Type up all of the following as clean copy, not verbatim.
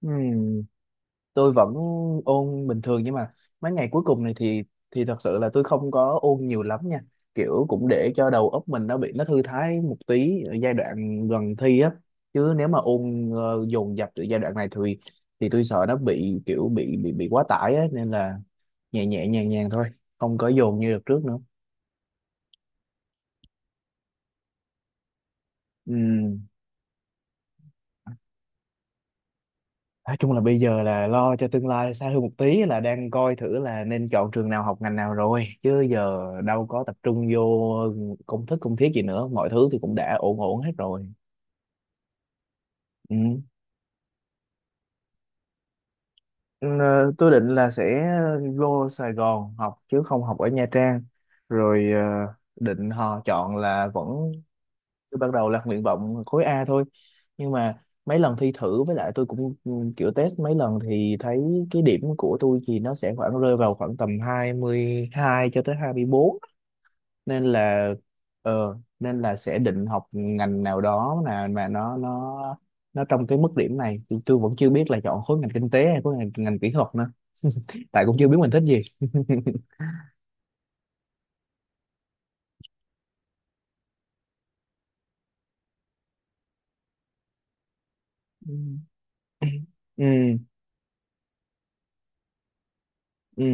Ừm, tôi vẫn ôn bình thường, nhưng mà mấy ngày cuối cùng này thì thật sự là tôi không có ôn nhiều lắm nha, kiểu cũng để cho đầu óc mình nó nó thư thái một tí ở giai đoạn gần thi á. Chứ nếu mà ôn dồn dập từ giai đoạn này thì tôi sợ nó bị kiểu bị quá tải á, nên là nhẹ nhẹ nhàng nhàng thôi, không có dồn như đợt trước nữa. Nói chung là bây giờ là lo cho tương lai xa hơn một tí, là đang coi thử là nên chọn trường nào, học ngành nào rồi, chứ giờ đâu có tập trung vô công thức công thiết gì nữa, mọi thứ thì cũng đã ổn ổn hết rồi. Ừ. Ừ, tôi định là sẽ vô Sài Gòn học chứ không học ở Nha Trang. Rồi định họ chọn là vẫn, tôi ban đầu là nguyện vọng khối A thôi, nhưng mà mấy lần thi thử với lại tôi cũng kiểu test mấy lần thì thấy cái điểm của tôi thì nó sẽ khoảng rơi vào khoảng tầm 22 cho tới hai mươi bốn, nên là nên là sẽ định học ngành nào đó là mà nó trong cái mức điểm này. Tôi vẫn chưa biết là chọn khối ngành kinh tế hay ngành kỹ thuật nữa tại cũng chưa biết mình thích gì. Ừ. ừ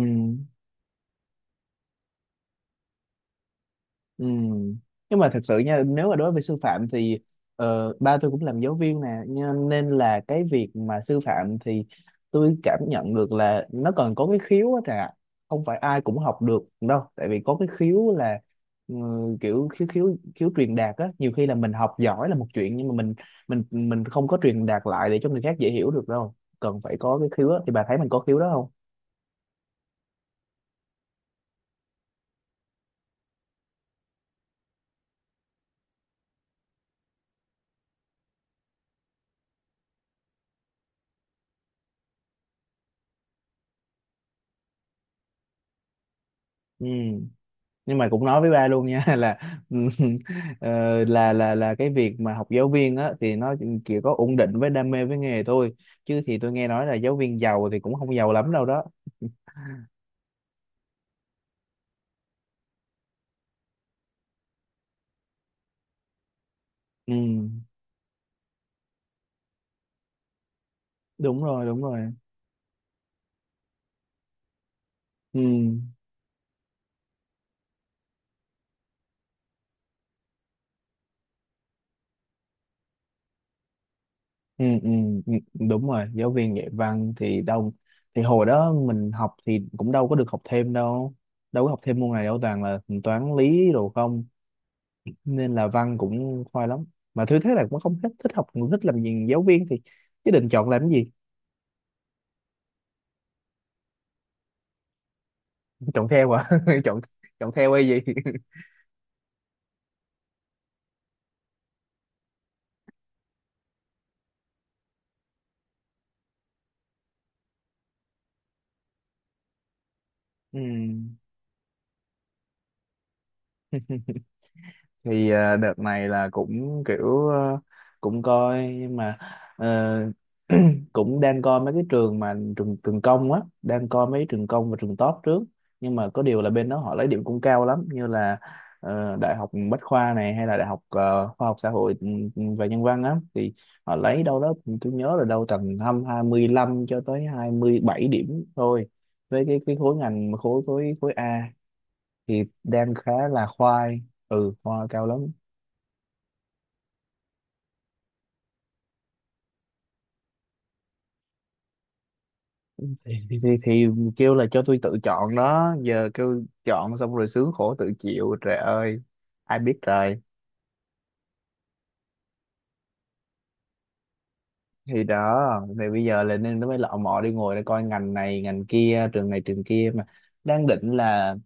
Ừ. Nhưng mà thật sự nha, nếu mà đối với sư phạm thì ba tôi cũng làm giáo viên nè nhưng- nên là cái việc mà sư phạm thì tôi cảm nhận được là nó còn có cái khiếu á trà, không phải ai cũng học được đâu, tại vì có cái khiếu là ừ, kiểu khiếu khiếu khiếu truyền đạt á. Nhiều khi là mình học giỏi là một chuyện, nhưng mà mình mình không có truyền đạt lại để cho người khác dễ hiểu được đâu, cần phải có cái khiếu á. Thì bà thấy mình có khiếu đó không? Ừ, nhưng mà cũng nói với ba luôn nha, là ờ, là cái việc mà học giáo viên á thì nó chỉ có ổn định với đam mê với nghề thôi, chứ thì tôi nghe nói là giáo viên giàu thì cũng không giàu lắm đâu đó. Ừ, đúng rồi, đúng rồi. ừ ừ ừ ừ, đúng rồi, giáo viên dạy văn thì đâu, thì hồi đó mình học thì cũng đâu có được học thêm đâu, đâu có học thêm môn này đâu, toàn là toán lý đồ không, nên là văn cũng khoai lắm. Mà thứ thế là cũng không thích, thích học thích làm gì giáo viên, thì chứ định chọn làm cái gì? Chọn theo à? Chọn, chọn theo hay gì? Ừ. Thì đợt này là cũng kiểu cũng coi nhưng mà ờ, cũng đang coi mấy cái trường mà trường trường công á, đang coi mấy trường công và trường top trước. Nhưng mà có điều là bên đó họ lấy điểm cũng cao lắm, như là đại học Bách khoa này, hay là đại học khoa học xã hội và nhân văn á, thì họ lấy đâu đó tôi nhớ là đâu tầm hăm 25 cho tới 27 điểm thôi, với cái khối ngành khối khối khối A thì đang khá là khoai. Ừ, khoai, cao lắm. Thì kêu là cho tôi tự chọn đó, giờ kêu chọn xong rồi sướng khổ tự chịu, trời ơi, ai biết trời. Thì đó, thì bây giờ là nên nó mới lọ mọ đi ngồi để coi ngành này ngành kia, trường này trường kia mà. Đang định là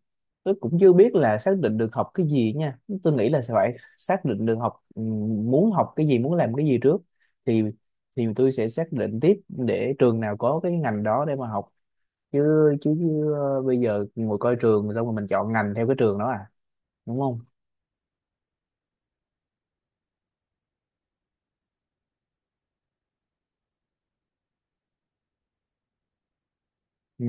tôi cũng chưa biết là xác định được học cái gì nha, tôi nghĩ là sẽ phải xác định được học muốn học cái gì, muốn làm cái gì trước, thì tôi sẽ xác định tiếp để trường nào có cái ngành đó để mà học. Chứ chứ, chứ ờ, bây giờ ngồi coi trường xong rồi mình chọn ngành theo cái trường đó à? Đúng không? ừ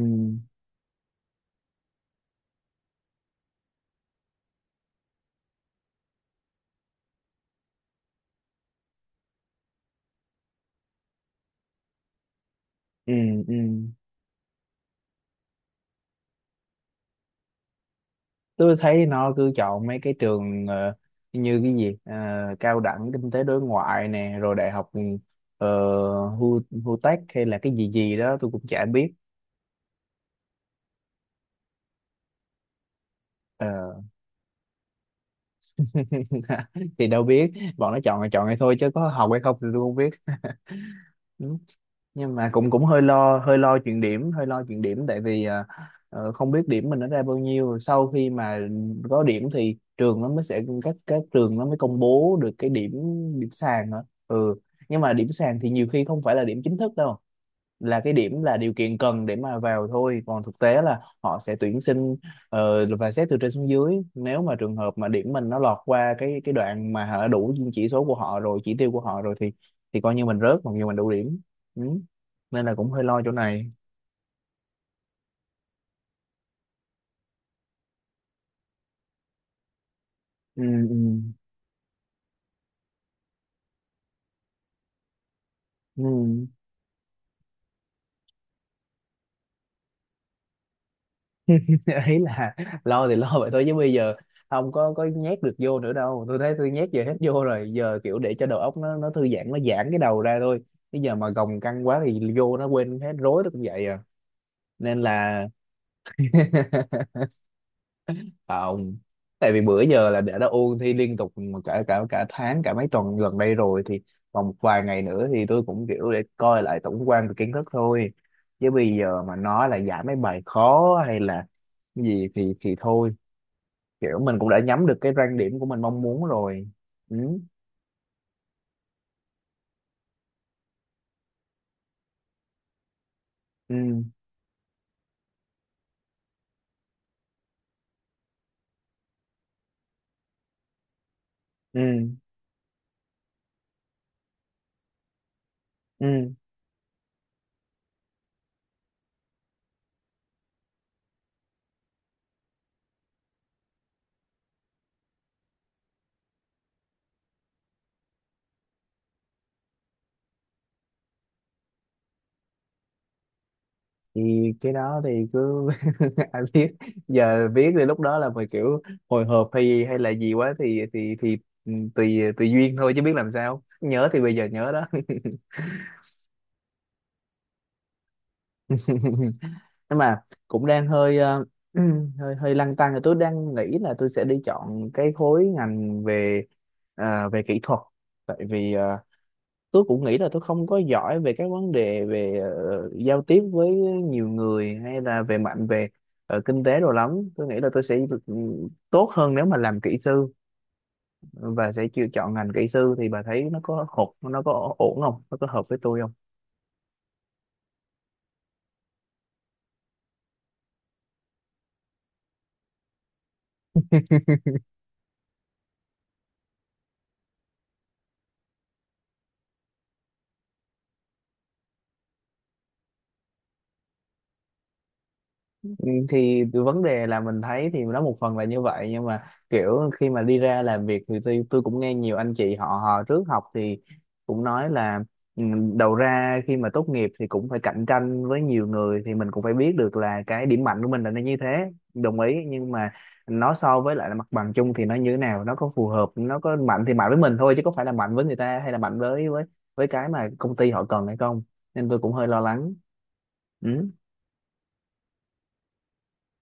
ừ ừ. Tôi thấy nó cứ chọn mấy cái trường như cái gì, ờ, cao đẳng kinh tế đối ngoại nè, rồi đại học ờ, Hu Hu Tech hay là cái gì gì đó, tôi cũng chả biết. Ờ, thì đâu biết, bọn nó chọn là chọn hay thôi chứ có học hay không thì tôi không biết. Nhưng mà cũng cũng hơi lo, hơi lo chuyện điểm, tại vì không biết điểm mình nó ra bao nhiêu. Sau khi mà có điểm thì trường nó mới sẽ, các trường nó mới công bố được cái điểm, điểm sàn hả. Ừ, nhưng mà điểm sàn thì nhiều khi không phải là điểm chính thức đâu, là cái điểm là điều kiện cần để mà vào thôi, còn thực tế là họ sẽ tuyển sinh và xét từ trên xuống dưới. Nếu mà trường hợp mà điểm mình nó lọt qua cái đoạn mà họ đã đủ chỉ số của họ rồi, chỉ tiêu của họ rồi, thì coi như mình rớt, còn như mình đủ điểm. Ừ. Nên là cũng hơi lo chỗ này. ừ, ừ, ừ. Ý là lo thì lo vậy thôi chứ bây giờ không có nhét được vô nữa đâu, tôi thấy tôi nhét giờ hết vô rồi, giờ kiểu để cho đầu óc nó thư giãn, nó giãn cái đầu ra thôi. Bây giờ mà gồng căng quá thì vô nó quên hết rối nó cũng vậy à, nên là không, tại vì bữa giờ là đã ôn thi liên tục mà cả cả cả tháng, cả mấy tuần gần đây rồi, thì còn một vài ngày nữa thì tôi cũng kiểu để coi lại tổng quan về kiến thức thôi, chứ bây giờ mà nói là giải mấy bài khó hay là gì thì thôi, kiểu mình cũng đã nhắm được cái rang điểm của mình mong muốn rồi. ừ ừ ừ ừ. Thì cái đó thì cứ ai biết, giờ viết thì lúc đó là mình kiểu hồi hộp hay gì, hay là gì quá thì ừ, tùy tùy duyên thôi, chứ biết làm sao, nhớ thì bây giờ nhớ đó. Nhưng mà cũng đang hơi hơi hơi lăn tăn là tôi đang nghĩ là tôi sẽ đi chọn cái khối ngành về về kỹ thuật, tại vì tôi cũng nghĩ là tôi không có giỏi về các vấn đề về giao tiếp với nhiều người, hay là về mạnh về kinh tế đồ lắm. Tôi nghĩ là tôi sẽ được, ừ, tốt hơn nếu mà làm kỹ sư, và sẽ chịu chọn ngành kỹ sư. Thì bà thấy nó có hột, nó có ổn không, nó có hợp với tôi không? Ừ, thì cái vấn đề là mình thấy thì nó một phần là như vậy, nhưng mà kiểu khi mà đi ra làm việc thì tôi cũng nghe nhiều anh chị họ, họ trước học thì cũng nói là ừ, đầu ra khi mà tốt nghiệp thì cũng phải cạnh tranh với nhiều người, thì mình cũng phải biết được là cái điểm mạnh của mình là nó như thế, đồng ý, nhưng mà nó so với lại là mặt bằng chung thì nó như thế nào, nó có phù hợp, nó có mạnh thì mạnh với mình thôi, chứ có phải là mạnh với người ta hay là mạnh với với cái mà công ty họ cần hay không. Nên tôi cũng hơi lo lắng. Ừ.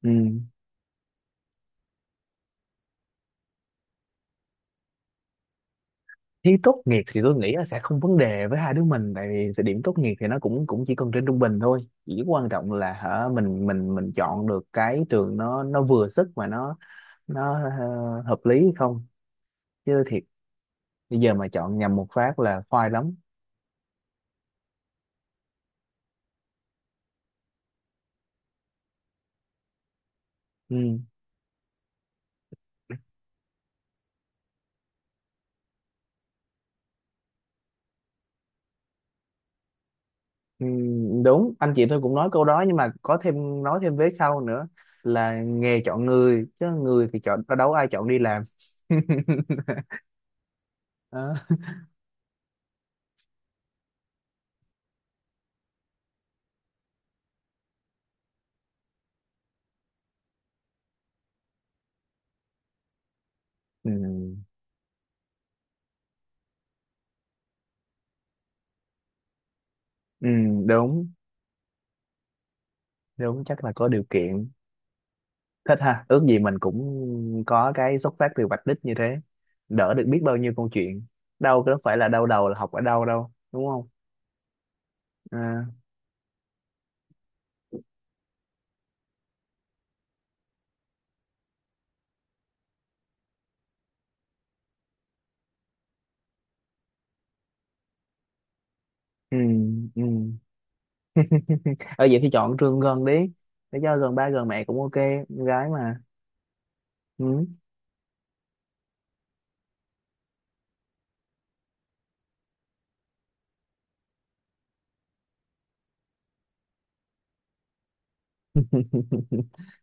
Ừ. Thi tốt nghiệp thì tôi nghĩ là sẽ không vấn đề với hai đứa mình, tại vì thời điểm tốt nghiệp thì nó cũng cũng chỉ cần trên trung bình thôi. Chỉ quan trọng là hả, mình chọn được cái trường nó vừa sức mà nó nó hợp lý hay không, chứ thiệt bây giờ mà chọn nhầm một phát là khoai lắm. Ừ. Ừ, đúng, anh chị tôi cũng nói câu đó, nhưng mà có thêm nói thêm vế sau nữa, là nghề chọn người chứ người thì chọn đâu, ai chọn đi làm. Đó. Ừ. Ừ, đúng, chắc là có điều kiện. Thích ha, ước gì mình cũng có cái xuất phát từ vạch đích như thế, đỡ được biết bao nhiêu câu chuyện, đâu có phải là đau đầu là học ở đâu đâu, đúng không? à, ừ, ừ. Ở vậy thì chọn trường gần đi, để cho gần ba gần mẹ cũng ok, con gái mà. Ừ.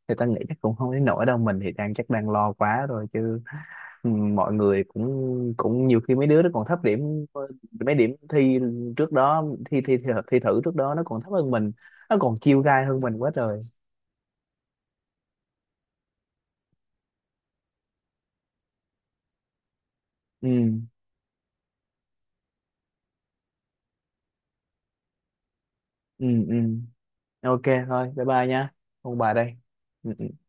Thì ta nghĩ chắc cũng không đến nỗi đâu, mình thì đang chắc đang lo quá rồi chứ. Ừ, mọi người cũng cũng nhiều khi mấy đứa nó còn thấp điểm, mấy điểm thi trước đó, thi thử trước đó nó còn thấp hơn mình, nó còn chiêu gai hơn mình quá trời. ừ ừ. Ok, thôi, bye bye nha, ông bà đây. Ừ.